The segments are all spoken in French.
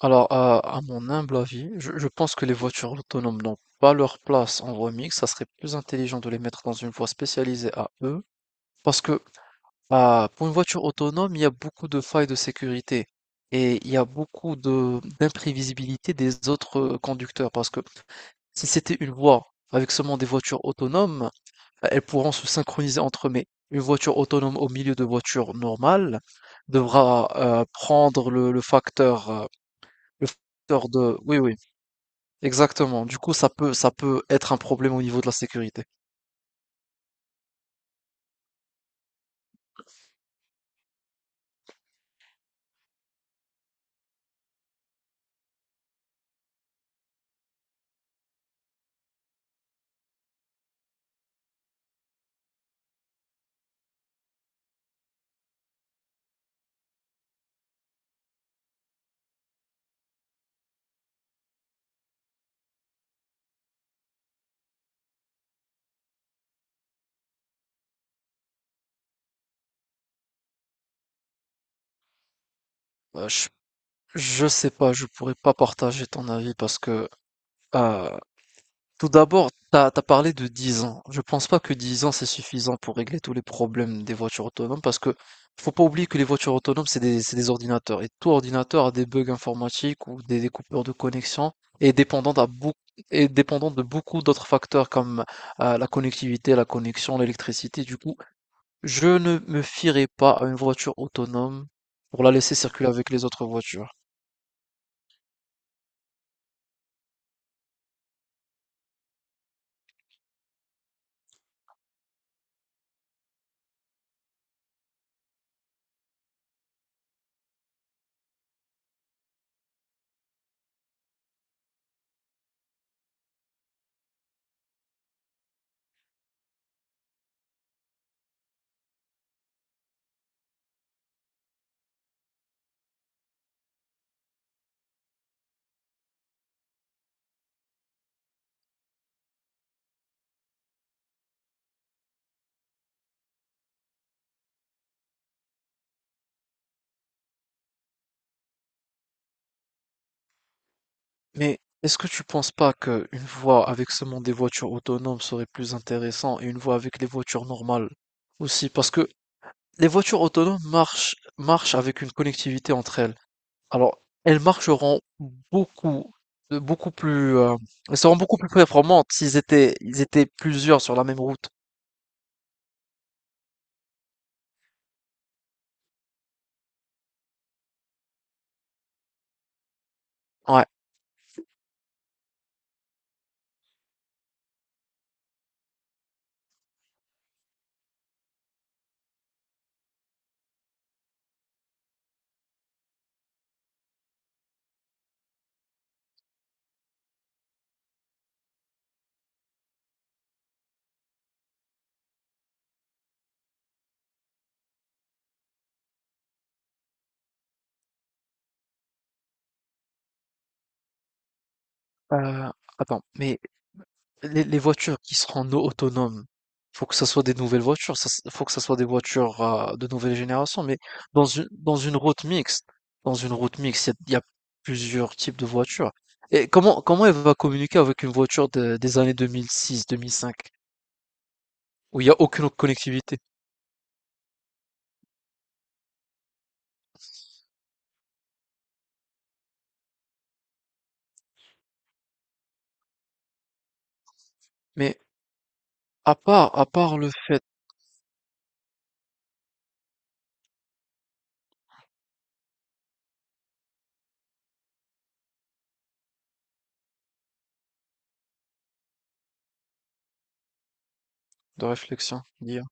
Alors, à mon humble avis, je pense que les voitures autonomes n'ont pas leur place en voie mixte. Ça serait plus intelligent de les mettre dans une voie spécialisée à eux. Parce que pour une voiture autonome, il y a beaucoup de failles de sécurité et il y a beaucoup de d'imprévisibilité des autres conducteurs. Parce que si c'était une voie avec seulement des voitures autonomes, bah, elles pourront se synchroniser entre eux. Mais une voiture autonome au milieu de voitures normales devra prendre le facteur, le facteur de. Oui, oui. Exactement. Du coup, ça peut être un problème au niveau de la sécurité. Euh, je, je sais pas, je pourrais pas partager ton avis parce que, euh, tout d'abord, t'as parlé de 10 ans. Je pense pas que 10 ans c'est suffisant pour régler tous les problèmes des voitures autonomes parce que faut pas oublier que les voitures autonomes, c'est des ordinateurs et tout ordinateur a des bugs informatiques ou des coupures de connexion et dépendant à beaucoup, et dépendant de beaucoup d'autres facteurs comme, la connectivité, la connexion, l'électricité. Du coup, je ne me fierai pas à une voiture autonome pour la laisser circuler avec les autres voitures. Mais est-ce que tu penses pas qu'une voie avec seulement des voitures autonomes serait plus intéressant et une voie avec les voitures normales aussi? Parce que les voitures autonomes marchent avec une connectivité entre elles. Alors, elles marcheront beaucoup, de beaucoup plus, elles seront beaucoup plus performantes s'ils étaient plusieurs sur la même route. Ouais. Euh, attends, mais les voitures qui seront autonomes, faut que ça soit des nouvelles voitures, ça, faut que ça soit des voitures de nouvelle génération. Mais dans une route mixte, il y a plusieurs types de voitures. Et comment elle va communiquer avec une voiture des années 2006, 2005, où il n'y a aucune connectivité? Mais à part le fait de réflexion, d'IA.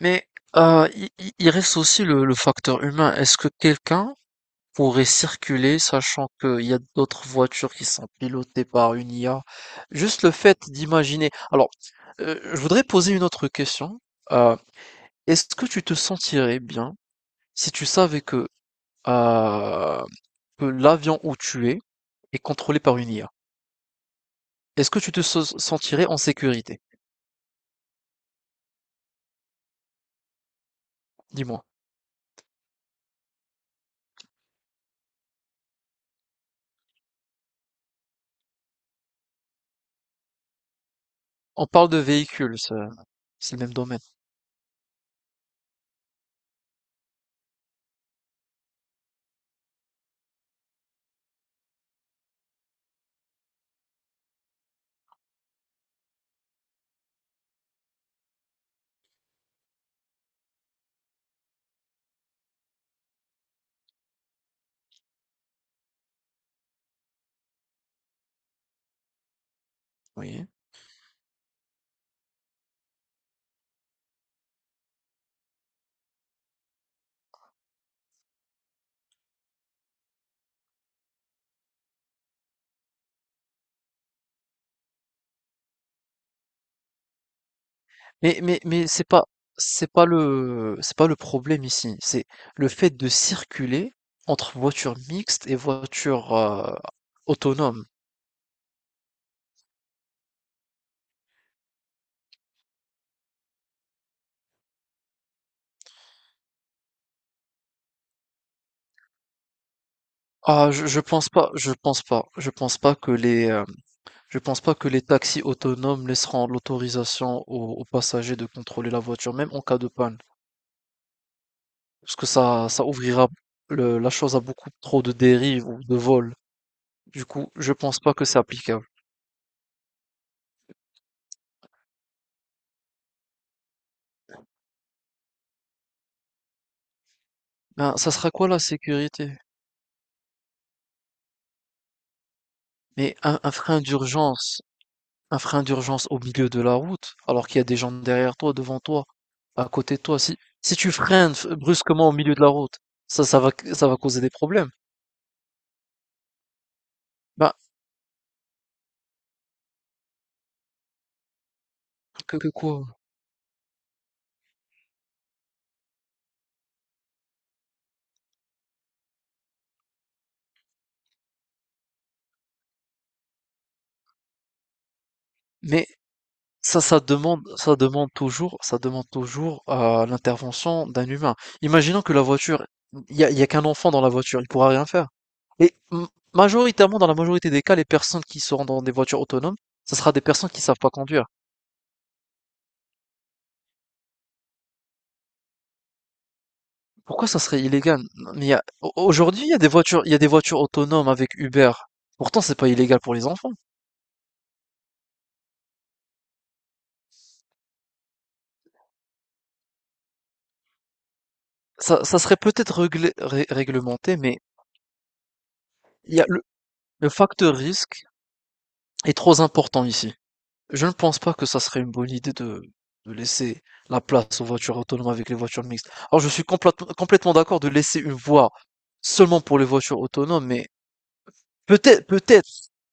Mais il reste aussi le facteur humain. Est-ce que quelqu'un pourrait circuler sachant qu'il y a d'autres voitures qui sont pilotées par une IA? Juste le fait d'imaginer. Alors, je voudrais poser une autre question. Euh, Est-ce que tu te sentirais bien si tu savais euh, que l'avion où tu es est contrôlé par une IA? Est-ce que tu te sentirais en sécurité? Dis-moi. On parle de véhicules, c'est le même domaine. Oui. Mais c'est pas le problème ici, c'est le fait de circuler entre voitures mixtes et voitures, autonomes. Ah, je pense pas que les taxis autonomes laisseront l'autorisation aux passagers de contrôler la voiture, même en cas de panne. Parce que ça ouvrira le la chose à beaucoup trop de dérives ou de vols. Du coup, je pense pas que c'est applicable. Ben, ça sera quoi la sécurité? Mais un frein d'urgence. Un frein d'urgence au milieu de la route, alors qu'il y a des gens derrière toi, devant toi, à côté de toi. Si tu freines brusquement au milieu de la route, ça va causer des problèmes. Bah, que quoi? Mais ça demande toujours l'intervention d'un humain. Imaginons que la voiture, il y a qu'un enfant dans la voiture, il pourra rien faire. Et majoritairement, dans la majorité des cas, les personnes qui seront dans des voitures autonomes, ce sera des personnes qui savent pas conduire. Pourquoi ça serait illégal? Mais il y a- Aujourd'hui, il y a des voitures autonomes avec Uber. Pourtant, c'est pas illégal pour les enfants. Ça serait peut-être réglementé, mais il y a le facteur risque est trop important ici. Je ne pense pas que ça serait une bonne idée de laisser la place aux voitures autonomes avec les voitures mixtes. Alors, je suis complètement d'accord de laisser une voie seulement pour les voitures autonomes, mais peut-être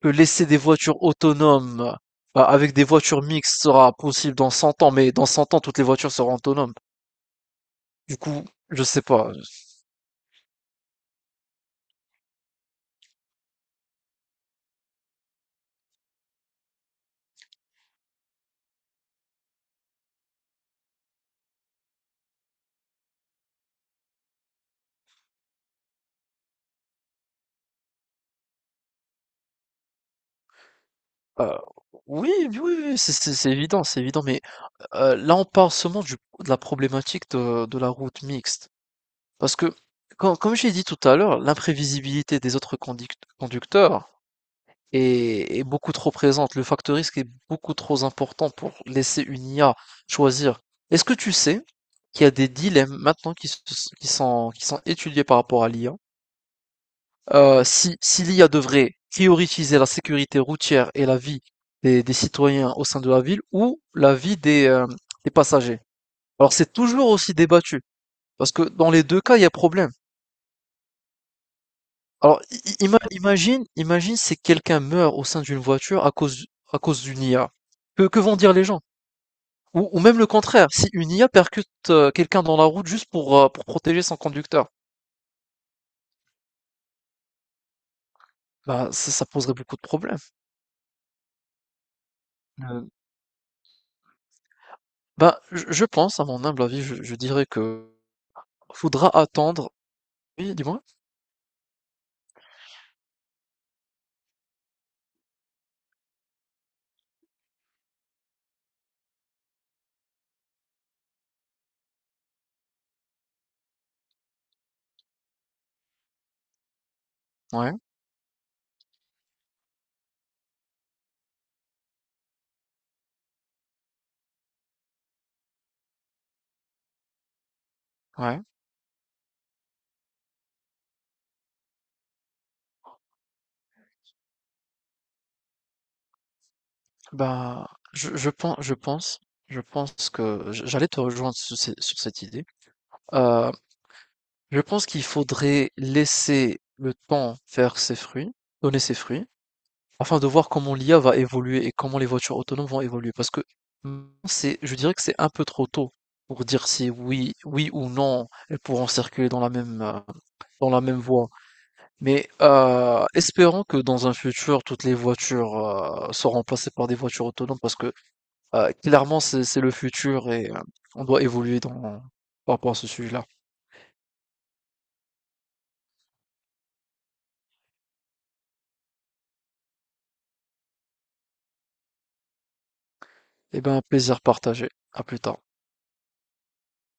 que laisser des voitures autonomes avec des voitures mixtes sera possible dans 100 ans, mais dans 100 ans, toutes les voitures seront autonomes. Du coup, je sais pas. Euh, oui, oui, oui, oui, c'est évident, mais là, on parle seulement du de la problématique de la route mixte. Parce que, comme j'ai dit tout à l'heure, l'imprévisibilité des autres conducteurs est beaucoup trop présente. Le facteur risque est beaucoup trop important pour laisser une IA choisir. Est-ce que tu sais qu'il y a des dilemmes maintenant qui sont étudiés par rapport à l'IA? Si l'IA devrait prioriser la sécurité routière et la vie des citoyens au sein de la ville ou la vie des passagers? Alors c'est toujours aussi débattu, parce que dans les deux cas, il y a problème. Alors imagine si quelqu'un meurt au sein d'une voiture à cause, d'une IA. Que vont dire les gens? Ou même le contraire, si une IA percute quelqu'un dans la route juste pour protéger son conducteur, bah, ça poserait beaucoup de problèmes. Euh, bah, je pense, à mon humble avis, je dirais que faudra attendre. Oui, dis-moi. Ouais, ouais. Bah, je, je pense, je pense, je pense que j'allais te rejoindre sur cette idée. Euh, je pense qu'il faudrait laisser le temps faire ses fruits, donner ses fruits, afin de voir comment l'IA va évoluer et comment les voitures autonomes vont évoluer. Parce que c'est, je dirais que c'est un peu trop tôt pour dire si oui, oui ou non, elles pourront circuler dans la même voie. Mais espérons que dans un futur, toutes les voitures seront remplacées par des voitures autonomes parce que clairement, c'est le futur et on doit évoluer par rapport à ce sujet-là. Eh bien, plaisir partagé. À plus tard.